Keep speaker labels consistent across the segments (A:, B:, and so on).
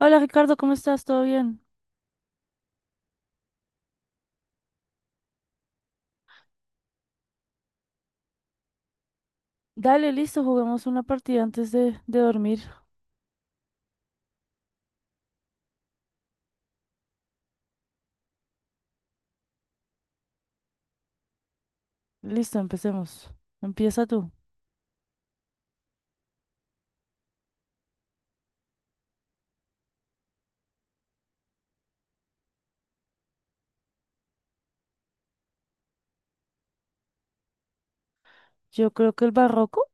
A: Hola Ricardo, ¿cómo estás? ¿Todo bien? Dale, listo, juguemos una partida antes de dormir. Listo, empecemos. Empieza tú. Yo creo que el barroco.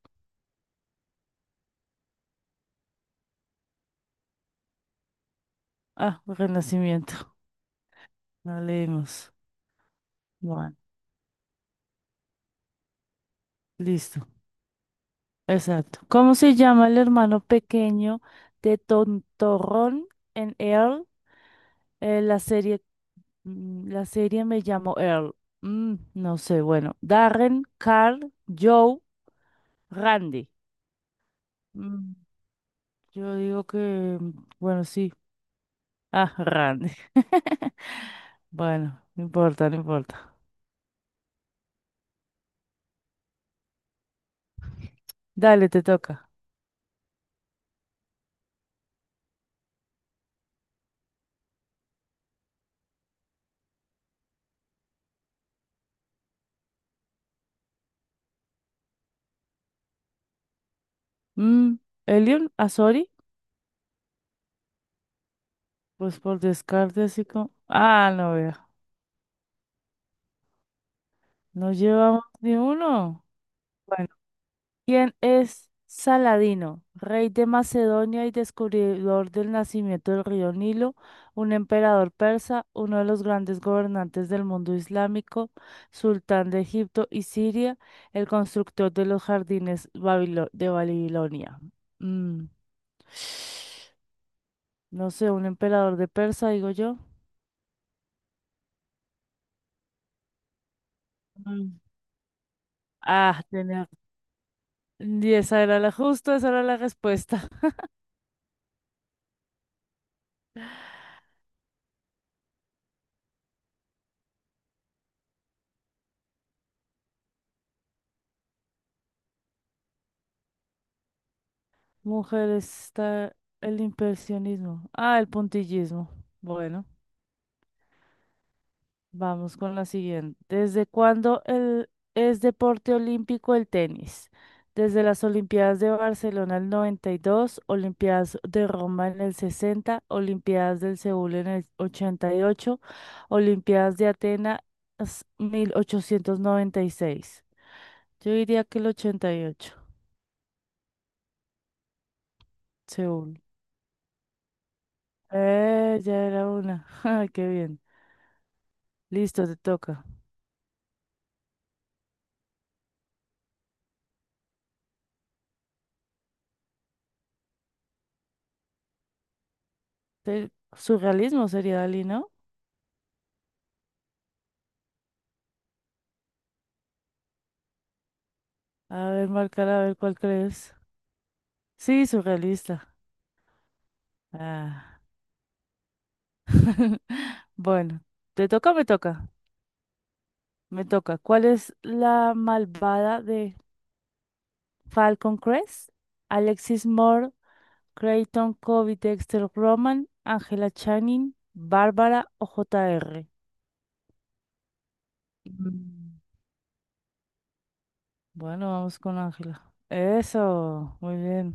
A: Ah, Renacimiento. No leímos. Bueno, listo. Exacto. ¿Cómo se llama el hermano pequeño de Tontorrón en Earl? La serie, la serie Me llamo Earl. Mm, no sé, bueno. Darren, Carl, Joe, Randy. Mm, yo digo que, bueno, sí. Ah, Randy. Bueno, no importa, no importa. Dale, te toca. Mm, Elion Azori, pues por descarte así como... Ah, no veo. No llevamos ni uno. Bueno, ¿quién es Saladino? Rey de Macedonia y descubridor del nacimiento del río Nilo, un emperador persa, uno de los grandes gobernantes del mundo islámico, sultán de Egipto y Siria, el constructor de los de Babilonia. Mm, no sé, un emperador de Persa, digo yo. Mm. Ah, tenía. Y esa era la justo, esa era la respuesta. Mujer está el impresionismo. Ah, el puntillismo. Bueno, vamos con la siguiente. ¿Es deporte olímpico el tenis? Desde las Olimpiadas de Barcelona el 92, Olimpiadas de Roma en el 60, Olimpiadas del Seúl en el 88. Olimpiadas de Atenas 1896. Yo diría que el 88. Seúl. Ya era una. Ay, qué bien. Listo, te toca. Te- Surrealismo sería Dalí, ¿no? A ver, marcar, a ver cuál crees. Sí, surrealista. Ah. Bueno, ¿te toca o me toca? Me toca. ¿Cuál es la malvada de Falcon Crest? Alexis Creighton, Kobe, Dexter Roman, Angela Channing, Bárbara o JR. Mm, bueno, vamos con Ángela. Eso, muy bien.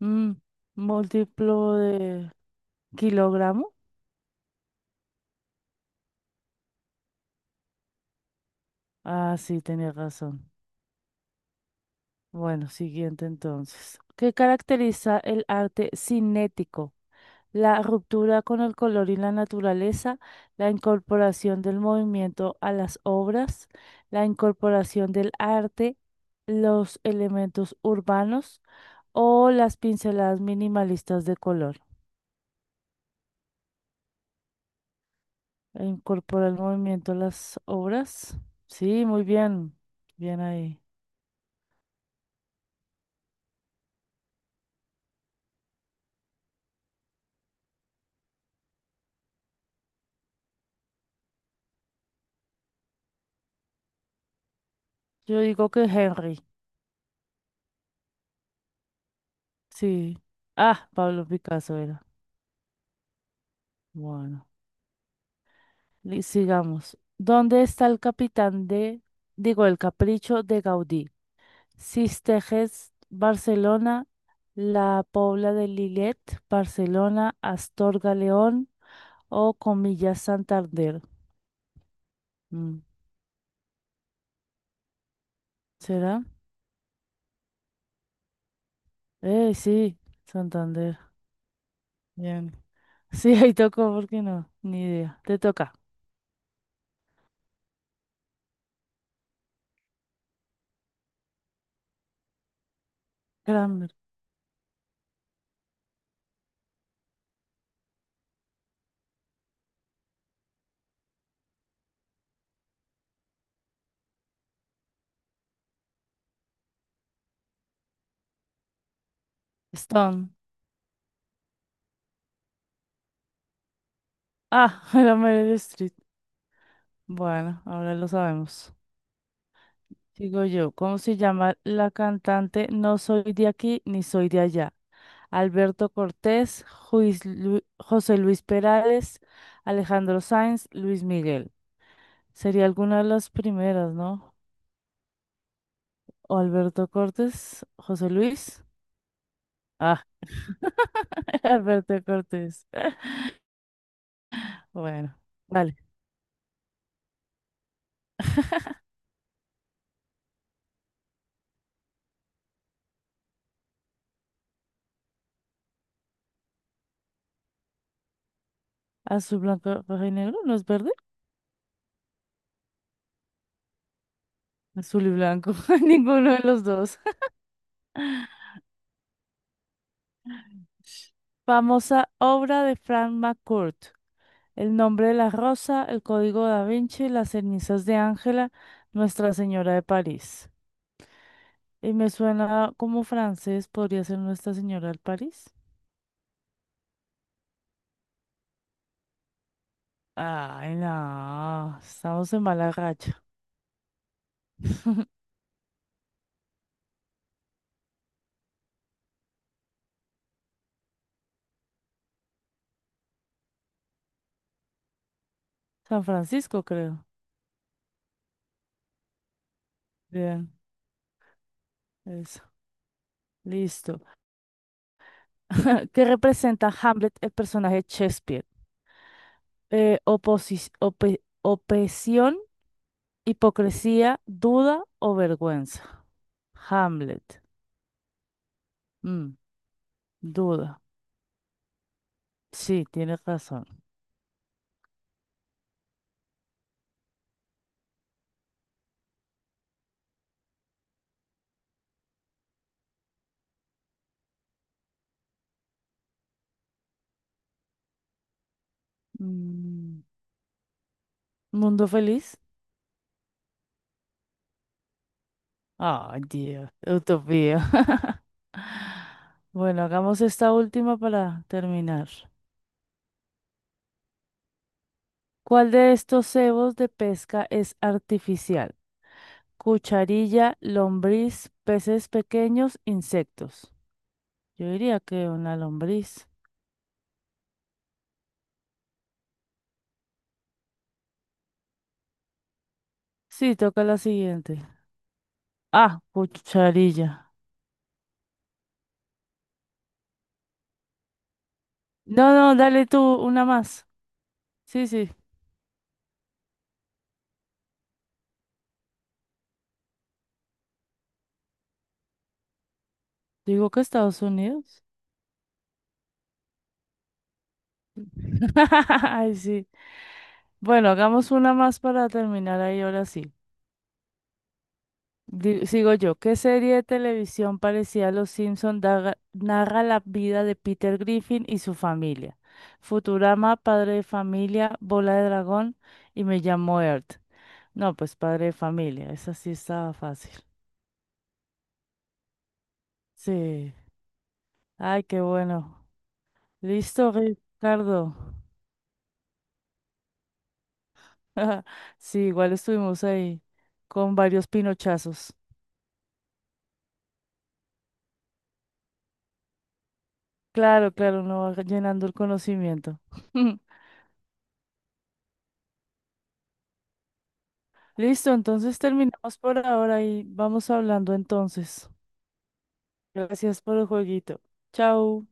A: Mm, múltiplo de kilogramo. Ah, sí, tenía razón. Bueno, siguiente entonces. ¿Qué caracteriza el arte cinético? La ruptura con el color y la naturaleza, la incorporación del movimiento a las obras, la incorporación del arte los elementos urbanos o las pinceladas minimalistas de color. E incorpora el movimiento a las obras. Sí, muy bien. Bien ahí. Yo digo que Henry. Sí. Ah, Pablo Picasso era. Bueno, sigamos. ¿Dónde está el capitán de, digo, el capricho de Gaudí? Sistejes, Barcelona, La Pobla de Lillet, Barcelona, Astorga, León o Comillas, Santander. Mm. ¿Será? Sí, Santander. Bien. Sí, ahí tocó, ¿por qué no? Ni idea. Te toca. Kramer. Stone. Ah, era Meryl Streep. Bueno, ahora lo sabemos. Sigo yo. ¿Cómo se llama la cantante No soy de aquí ni soy de allá? Alberto Cortés, José Luis Perales, Alejandro Sanz, Luis Miguel. Sería alguna de las primeras, ¿no? O Alberto Cortés, José Luis. Ah, Alberto Cortés. Bueno, vale. Azul, blanco, rojo y negro, ¿no es verde? Azul y blanco, ninguno de los dos. Famosa obra de Frank McCourt. El nombre de la rosa, el código da Vinci, las cenizas de Ángela, Nuestra Señora de París. Y me suena como francés, podría ser Nuestra Señora de París. Ay, no, estamos en mala racha. San Francisco, creo. Bien, eso. Listo. ¿Qué representa Hamlet, el personaje de Shakespeare? Opresión, hipocresía, duda o vergüenza. Hamlet. Mm, duda. Sí, tienes razón. Mm, mundo feliz. Ay, Dios. Utopía. Bueno, hagamos esta última para terminar. ¿Cuál de estos cebos de pesca es artificial? Cucharilla, lombriz, peces pequeños, insectos. Yo diría que una lombriz. Sí, toca la siguiente. Ah, cucharilla. No, no, dale tú una más. Sí, sí. Digo que Estados Unidos. Ay, sí. Bueno, hagamos una más para terminar ahí ahora sí. Sigo yo. ¿Qué serie de televisión parecida a Los Simpson narra la vida de Peter Griffin y su familia? Futurama, Padre de Familia, Bola de Dragón y Me llamo Earth. No, pues Padre de Familia. Esa sí estaba fácil. Sí. Ay, qué bueno. Listo, Ricardo. Sí, igual estuvimos ahí con varios pinochazos. Claro, claro, uno va llenando el conocimiento. Listo, entonces terminamos por ahora y vamos hablando entonces. Gracias por el jueguito. Chao.